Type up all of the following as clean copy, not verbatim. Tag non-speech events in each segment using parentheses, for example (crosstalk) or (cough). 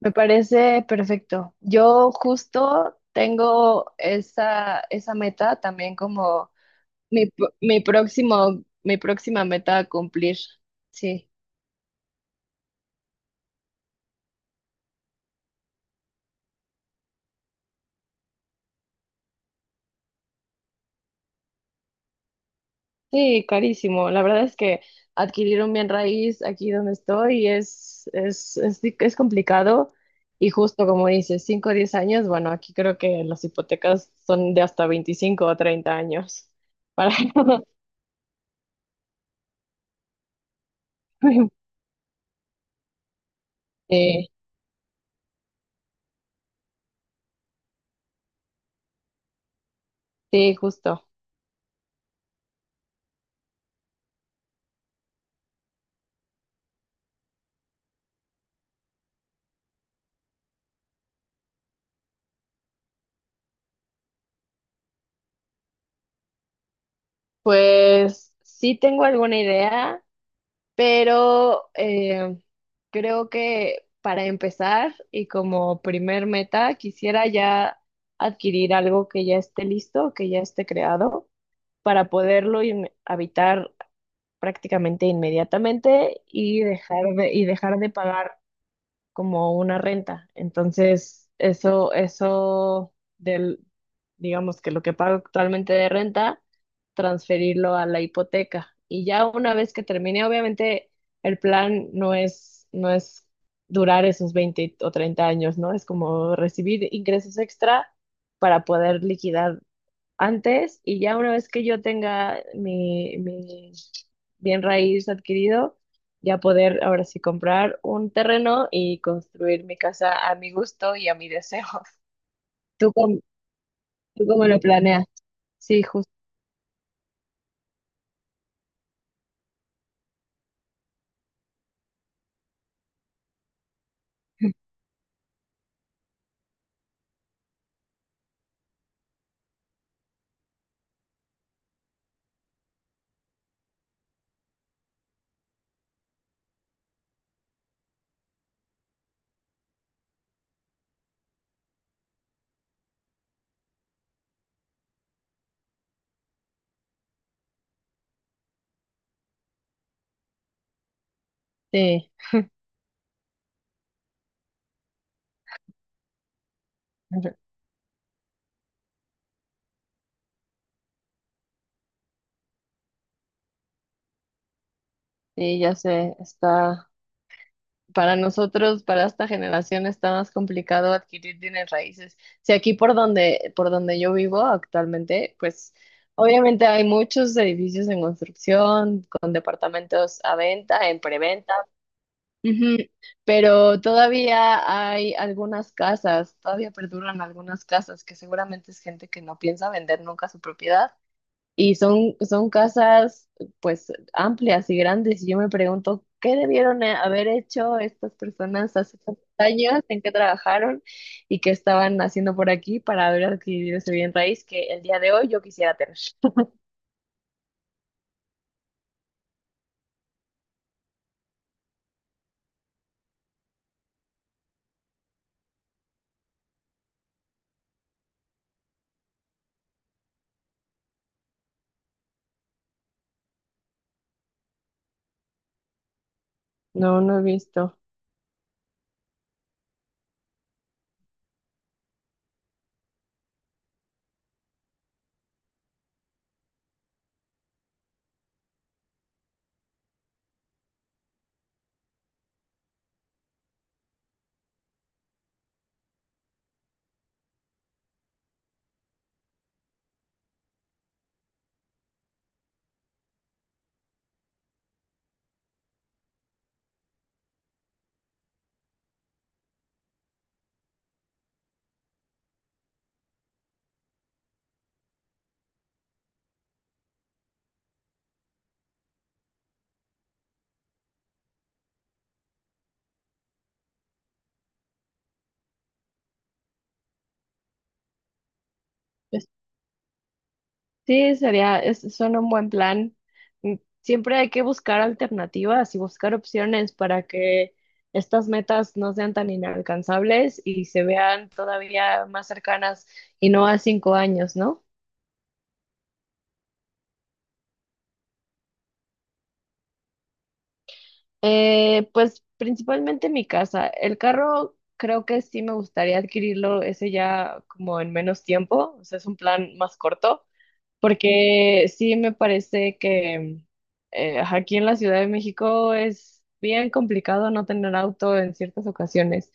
Me parece perfecto. Yo justo tengo esa meta también como mi próximo, mi próxima meta a cumplir. Sí, sí, carísimo. La verdad es que adquirir un bien raíz aquí donde estoy es complicado y justo como dices, 5 o 10 años, bueno, aquí creo que las hipotecas son de hasta 25 o 30 años. Para... (laughs) Sí, sí, justo. Pues sí tengo alguna idea, pero creo que para empezar y como primer meta quisiera ya adquirir algo que ya esté listo, que ya esté creado, para poderlo habitar prácticamente inmediatamente y y dejar de pagar como una renta. Entonces, eso del, digamos que lo que pago actualmente de renta, transferirlo a la hipoteca. Y ya una vez que termine, obviamente el plan no es durar esos 20 o 30 años, ¿no? Es como recibir ingresos extra para poder liquidar antes y ya una vez que yo tenga mi bien raíz adquirido, ya poder ahora sí comprar un terreno y construir mi casa a mi gusto y a mi deseo. (laughs) ¿Tú cómo, ¿tú cómo lo planeas? Sí, justo. Sí, (laughs) Sí, ya sé, está. Para para esta generación, está más complicado adquirir bienes raíces. Si aquí por donde yo vivo actualmente, pues obviamente hay muchos edificios en construcción, con departamentos a venta, en preventa, ujú, pero todavía hay algunas casas, todavía perduran algunas casas que seguramente es gente que no piensa vender nunca su propiedad y son casas pues amplias y grandes. Y yo me pregunto, ¿qué debieron haber hecho estas personas hace tantos años? ¿En qué trabajaron? ¿Y qué estaban haciendo por aquí para haber adquirido ese bien raíz que el día de hoy yo quisiera tener? No, no he visto. Sí, suena un buen plan. Mm, siempre hay que buscar alternativas y buscar opciones para que estas metas no sean tan inalcanzables y se vean todavía más cercanas y no a cinco años, ¿no? Pues principalmente mi casa. El carro creo que sí me gustaría adquirirlo ese ya como en menos tiempo, o sea, es un plan más corto. Porque sí me parece que aquí en la Ciudad de México es bien complicado no tener auto en ciertas ocasiones.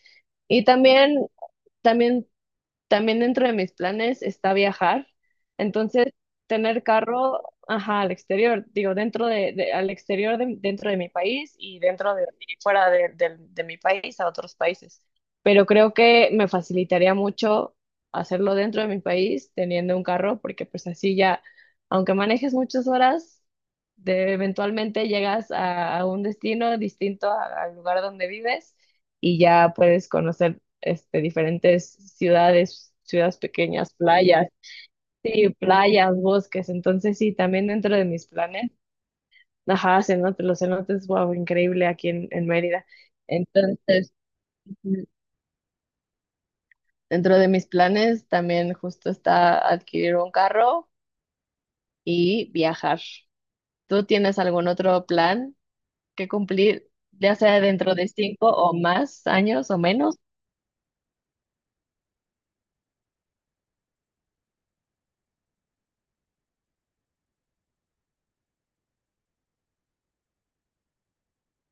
Y también, también también dentro de mis planes está viajar, entonces tener carro, ajá, al exterior, digo, al exterior dentro de mi país y dentro de y de mi país a otros países. Pero creo que me facilitaría mucho hacerlo dentro de mi país teniendo un carro, porque pues así ya, aunque manejes muchas horas, eventualmente a un destino distinto al lugar donde vives y ya puedes conocer este, diferentes ciudades, ciudades pequeñas, playas, sí, playas, bosques. Entonces, sí, también dentro de mis planes, ajá, cenotes, los cenotes, wow, increíble aquí en Mérida. Entonces, ujú, dentro de mis planes también justo está adquirir un carro y viajar. ¿Tú tienes algún otro plan que cumplir, ya sea dentro de cinco o más años o menos?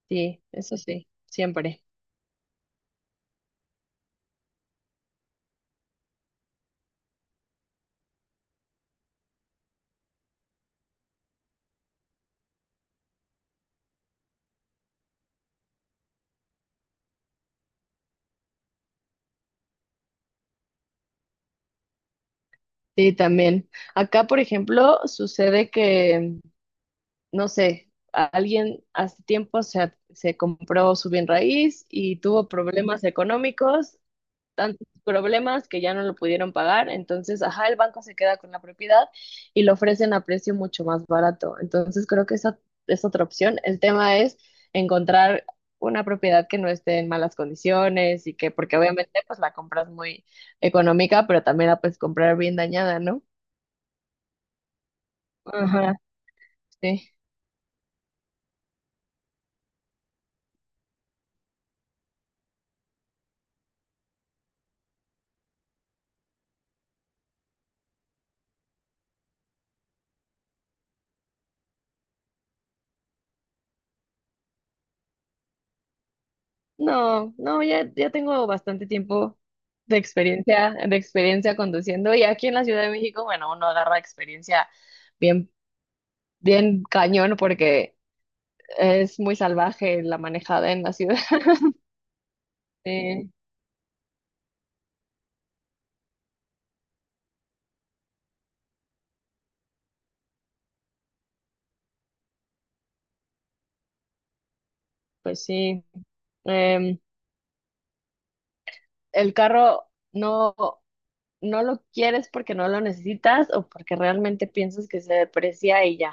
Sí, eso sí, siempre. Sí, también. Acá, por ejemplo, sucede que, no sé, alguien hace tiempo se compró su bien raíz y tuvo problemas económicos, tantos problemas que ya no lo pudieron pagar. Entonces, ajá, el banco se queda con la propiedad y lo ofrecen a precio mucho más barato. Entonces, creo que esa es otra opción. El tema es encontrar una propiedad que no esté en malas condiciones y que, porque obviamente, pues la compras muy económica, pero también la puedes comprar bien dañada, ¿no? Ajá, sí. No, no, ya, ya tengo bastante tiempo de experiencia conduciendo. Y aquí en la Ciudad de México, bueno, uno agarra experiencia bien, bien cañón porque es muy salvaje la manejada en la ciudad. (laughs) Sí, pues sí. Em, el carro no lo quieres porque no lo necesitas o porque realmente piensas que se deprecia y ya.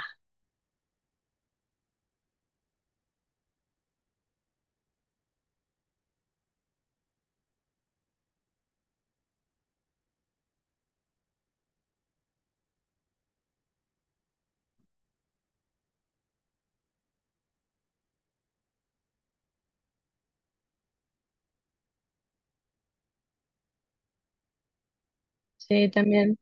Sí, también.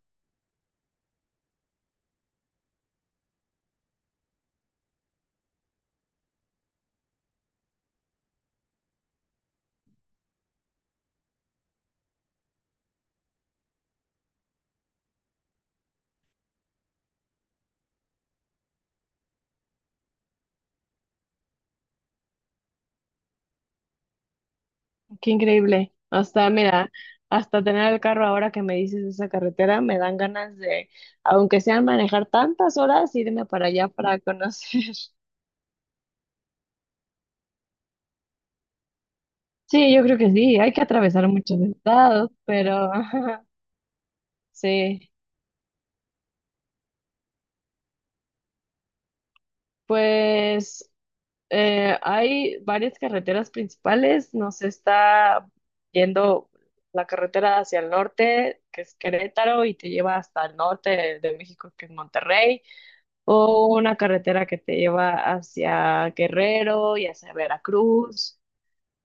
Qué increíble. Hasta, mira, hasta tener el carro ahora que me dices de esa carretera, me dan ganas de, aunque sea manejar tantas horas, irme para allá para conocer. (laughs) Sí, yo creo que sí, hay que atravesar muchos estados, pero (laughs) sí, pues hay varias carreteras principales, nos está yendo la carretera hacia el norte, que es Querétaro, y te lleva hasta el norte de México, que es Monterrey. O una carretera que te lleva hacia Guerrero y hacia Veracruz,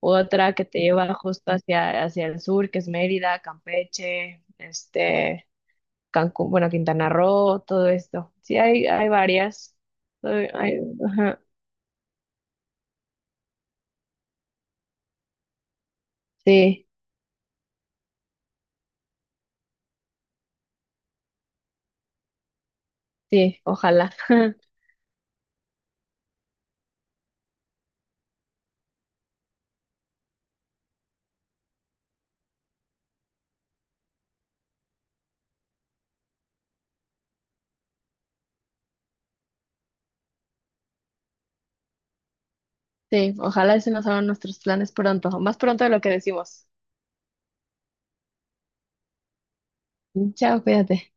otra que te lleva justo hacia el sur, que es Mérida, Campeche, este, Cancún, bueno, Quintana Roo, todo esto. Sí, hay varias. Soy- hay- ajá. Sí, sí, ojalá. (laughs) Sí, ojalá se nos hagan nuestros planes pronto, más pronto de lo que decimos. Chao, cuídate.